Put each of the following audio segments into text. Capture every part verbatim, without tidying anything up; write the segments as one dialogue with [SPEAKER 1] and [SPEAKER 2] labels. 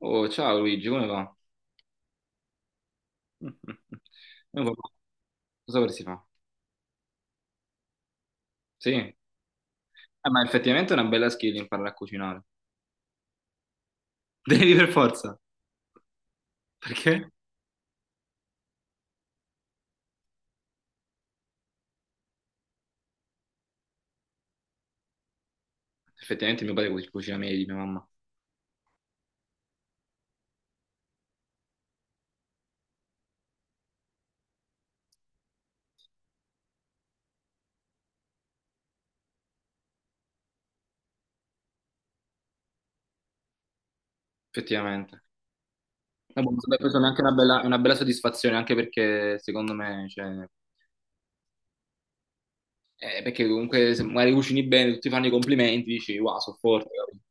[SPEAKER 1] Oh, ciao Luigi, come va? Non va- Cosa per si fa? Sì, Eh, ma effettivamente è una bella skill imparare a cucinare. Devi per forza. Perché? Effettivamente mio padre cu- cucina meglio di mia mamma. Effettivamente. Ma boh, vabbè, questa è anche una bella, una bella soddisfazione, anche perché secondo me, cioè, eh, perché comunque se magari cucini bene, tutti fanno i complimenti, dici, wow, sono forte. Capito?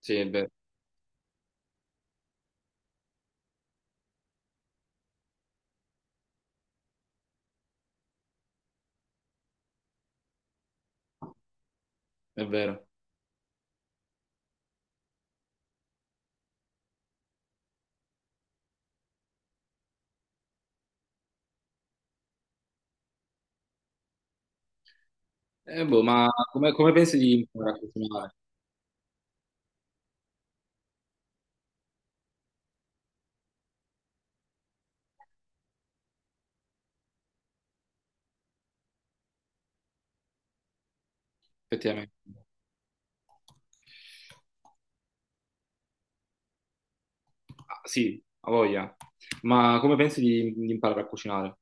[SPEAKER 1] Sì, è vero, è vero. Eh, boh, ma come, come pensi di imparare a cucinare? Effettivamente. Ah, sì, ha voglia. Ma come pensi di, di imparare a cucinare?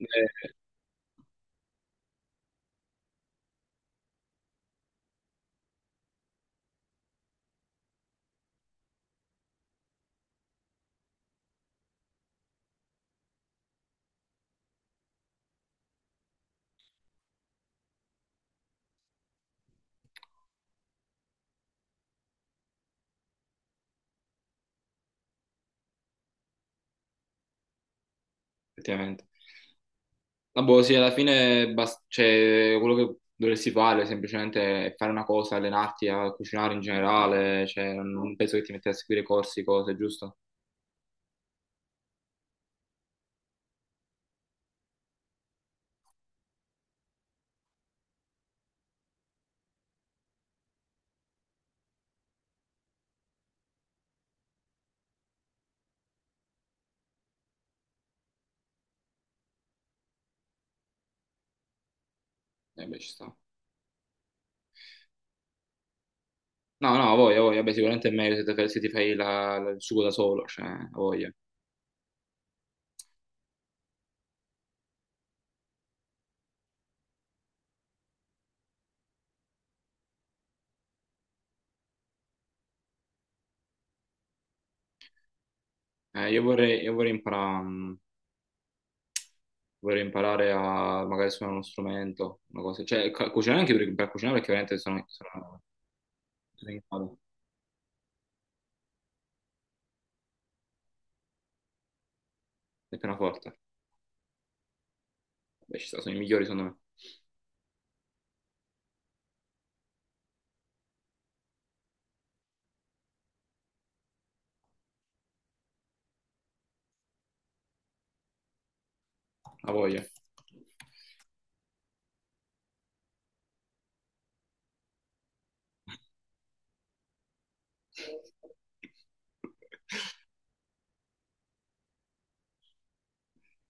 [SPEAKER 1] Eh, effettivamente. Ma boh, sì, alla fine bas- cioè, quello che dovresti fare semplicemente è fare una cosa, allenarti a cucinare in generale, cioè, non penso che ti metti a seguire corsi, cose, giusto? Eh beh, ci sta. No, no, a voglia, a voglia, beh, sicuramente è meglio se, te- se ti fai la- la- il sugo da solo, cioè, a voglia. Eh, io vorrei, io vorrei imparare, vorrei imparare a magari suonare uno strumento, una cosa, cioè, ca- cucinare anche per, per cucinare perché veramente sono, sono Cosa che vado? È appena forte. Beh, ci sta, sono i migliori secondo me. La voglia.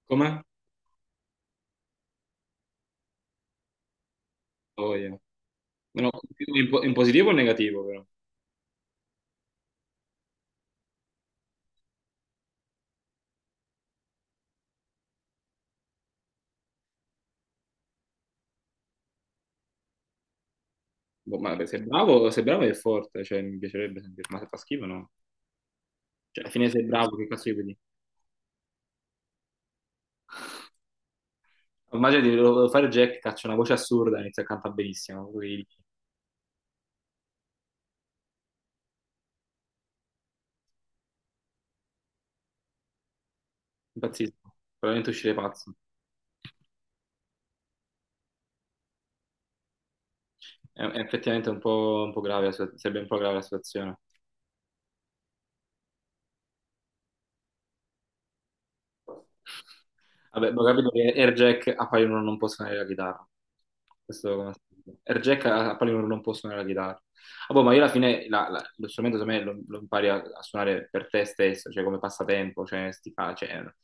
[SPEAKER 1] Com'è? La voglia. Ma no, in, po- in positivo o in negativo però? Boh, ma se è bravo, se è bravo è forte, cioè mi piacerebbe sentire, ma se fa schifo no. Cioè, alla fine sei bravo, che cazzo gli puoi dire? Immagino di volevo fare Jack, caccia una voce assurda, inizia a cantare benissimo, poi impazzisco, probabilmente uscire pazzo. È, è effettivamente un po', un po' grave, la situa- sarebbe un po' grave la situazione. Vabbè, ma ho capito che Air Jack a Palinuro non può suonare la chitarra. Questo come Air Jack a a Palinuro non può suonare la chitarra. Ah, boh, ma io alla fine la- la- lo strumento secondo me lo, lo impari a, a suonare per te stesso, cioè come passatempo, cioè, sti fa- cioè, eh,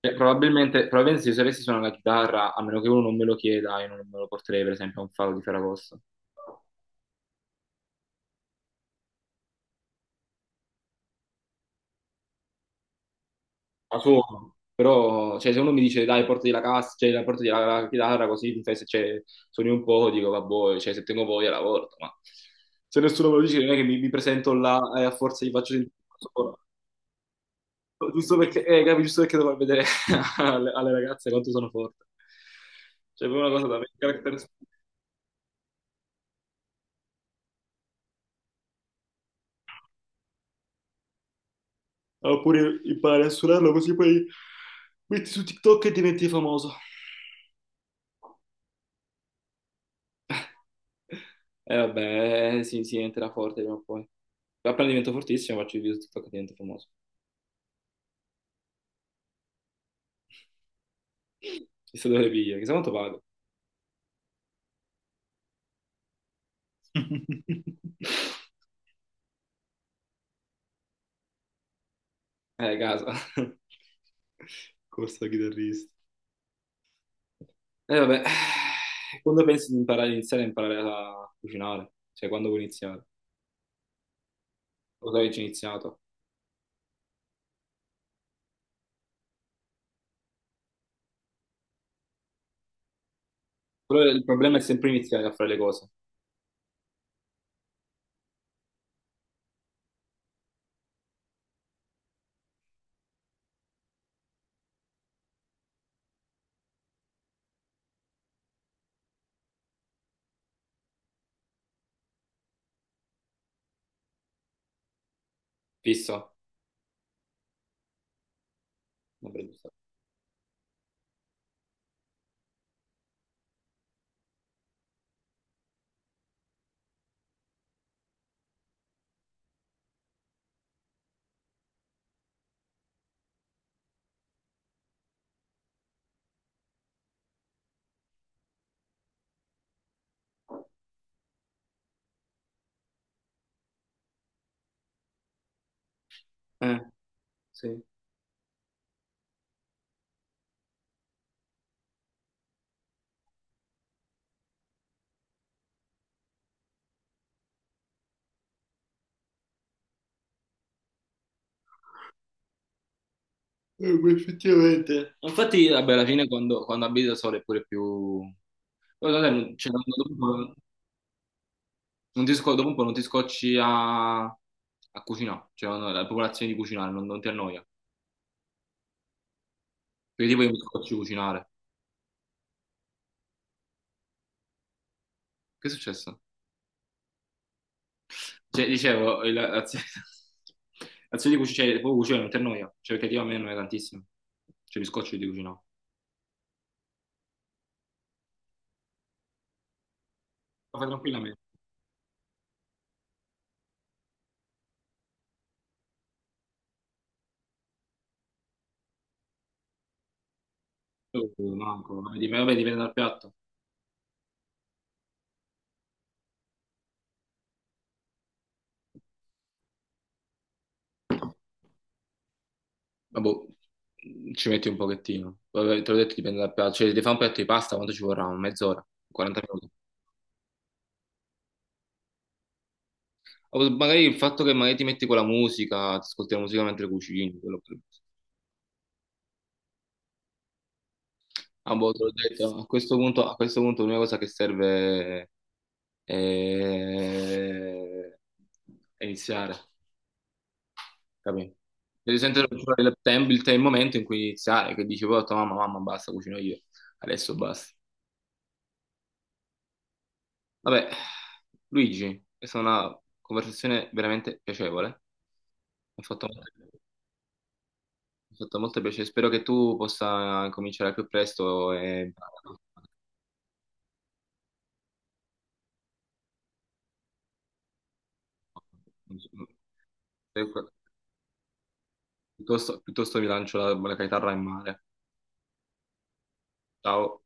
[SPEAKER 1] cioè, probabilmente, probabilmente se io sapessi suonare la chitarra, a meno che uno non me lo chieda, io non me lo porterei per esempio a un fado di Ferragosto. La suono, però cioè, se uno mi dice dai, portati la cassa, cioè, la- portati la, la chitarra così mi fai se cioè, suoni un po', dico vabbè, cioè, se tengo voglia la porto, ma se nessuno me lo dice non è che mi, mi presento là e a forza gli faccio sentire solo, giusto perché, eh, capi, giusto perché devo far vedere alle, alle ragazze quanto sono forte. Cioè, è proprio una cosa da character. Oppure impari a suonarlo così poi metti su TikTok e diventi famoso. Eh vabbè, eh, sì, sì, diventerà forte prima o poi. Appena divento fortissimo faccio il video su TikTok e divento famoso. Chissà dove le piglio, chissà quanto pago. Eh, casa. Corsa da chitarrista. Eh vabbè, eh, quando pensi di imparare, iniziare a imparare a cucinare? Cioè, quando vuoi iniziare? Lo sai che ci ho iniziato. Però il problema è sempre iniziare a fare le cose. Fisso? Non prendo sta- Eh, sì. Eh, beh, effettivamente. Infatti, vabbè, alla fine quando, quando abiti da solo è pure più. Poi, vabbè, non- cioè, dopo, un po' non ti, sco- dopo un po' non ti scocci a, a cucinare, cioè no, la popolazione di cucinare, non, non ti annoia. Perché tipo io mi scoccio di cucinare. Che è successo? Cioè, dicevo, il- l'azione l'azione di cucinare, cioè, proprio cucinare non ti annoia, cioè perché io a me non è tantissimo. Cioè mi scoccio di cucinare. Lo fai tranquillamente. Eh, Manco, vabbè, dipende vabbè, dipende dal piatto. Ma boh, ci metti un pochettino. Vabbè, te l'ho detto, dipende dal piatto. Cioè, se devi fare un piatto di pasta, quanto ci vorrà? Mezz'ora, quaranta minuti. O magari il fatto che magari ti metti con la musica, ti ascolti la musica mentre cucini, quello che- Ah, boh, te l'ho detto, a questo punto, a questo punto l'unica cosa che serve è, è iniziare, capito? Devi sentire il, tem- il, tem- il momento in cui iniziare, che dici, poi ho detto, mamma, mamma, basta, cucino io, adesso basta. Vabbè, Luigi, questa è stata una conversazione veramente piacevole. Mi ha fatto molto, mi ha fatto molto piacere. Spero che tu possa cominciare al più presto e piuttosto, piuttosto mi lancio la la chitarra in mare. Ciao.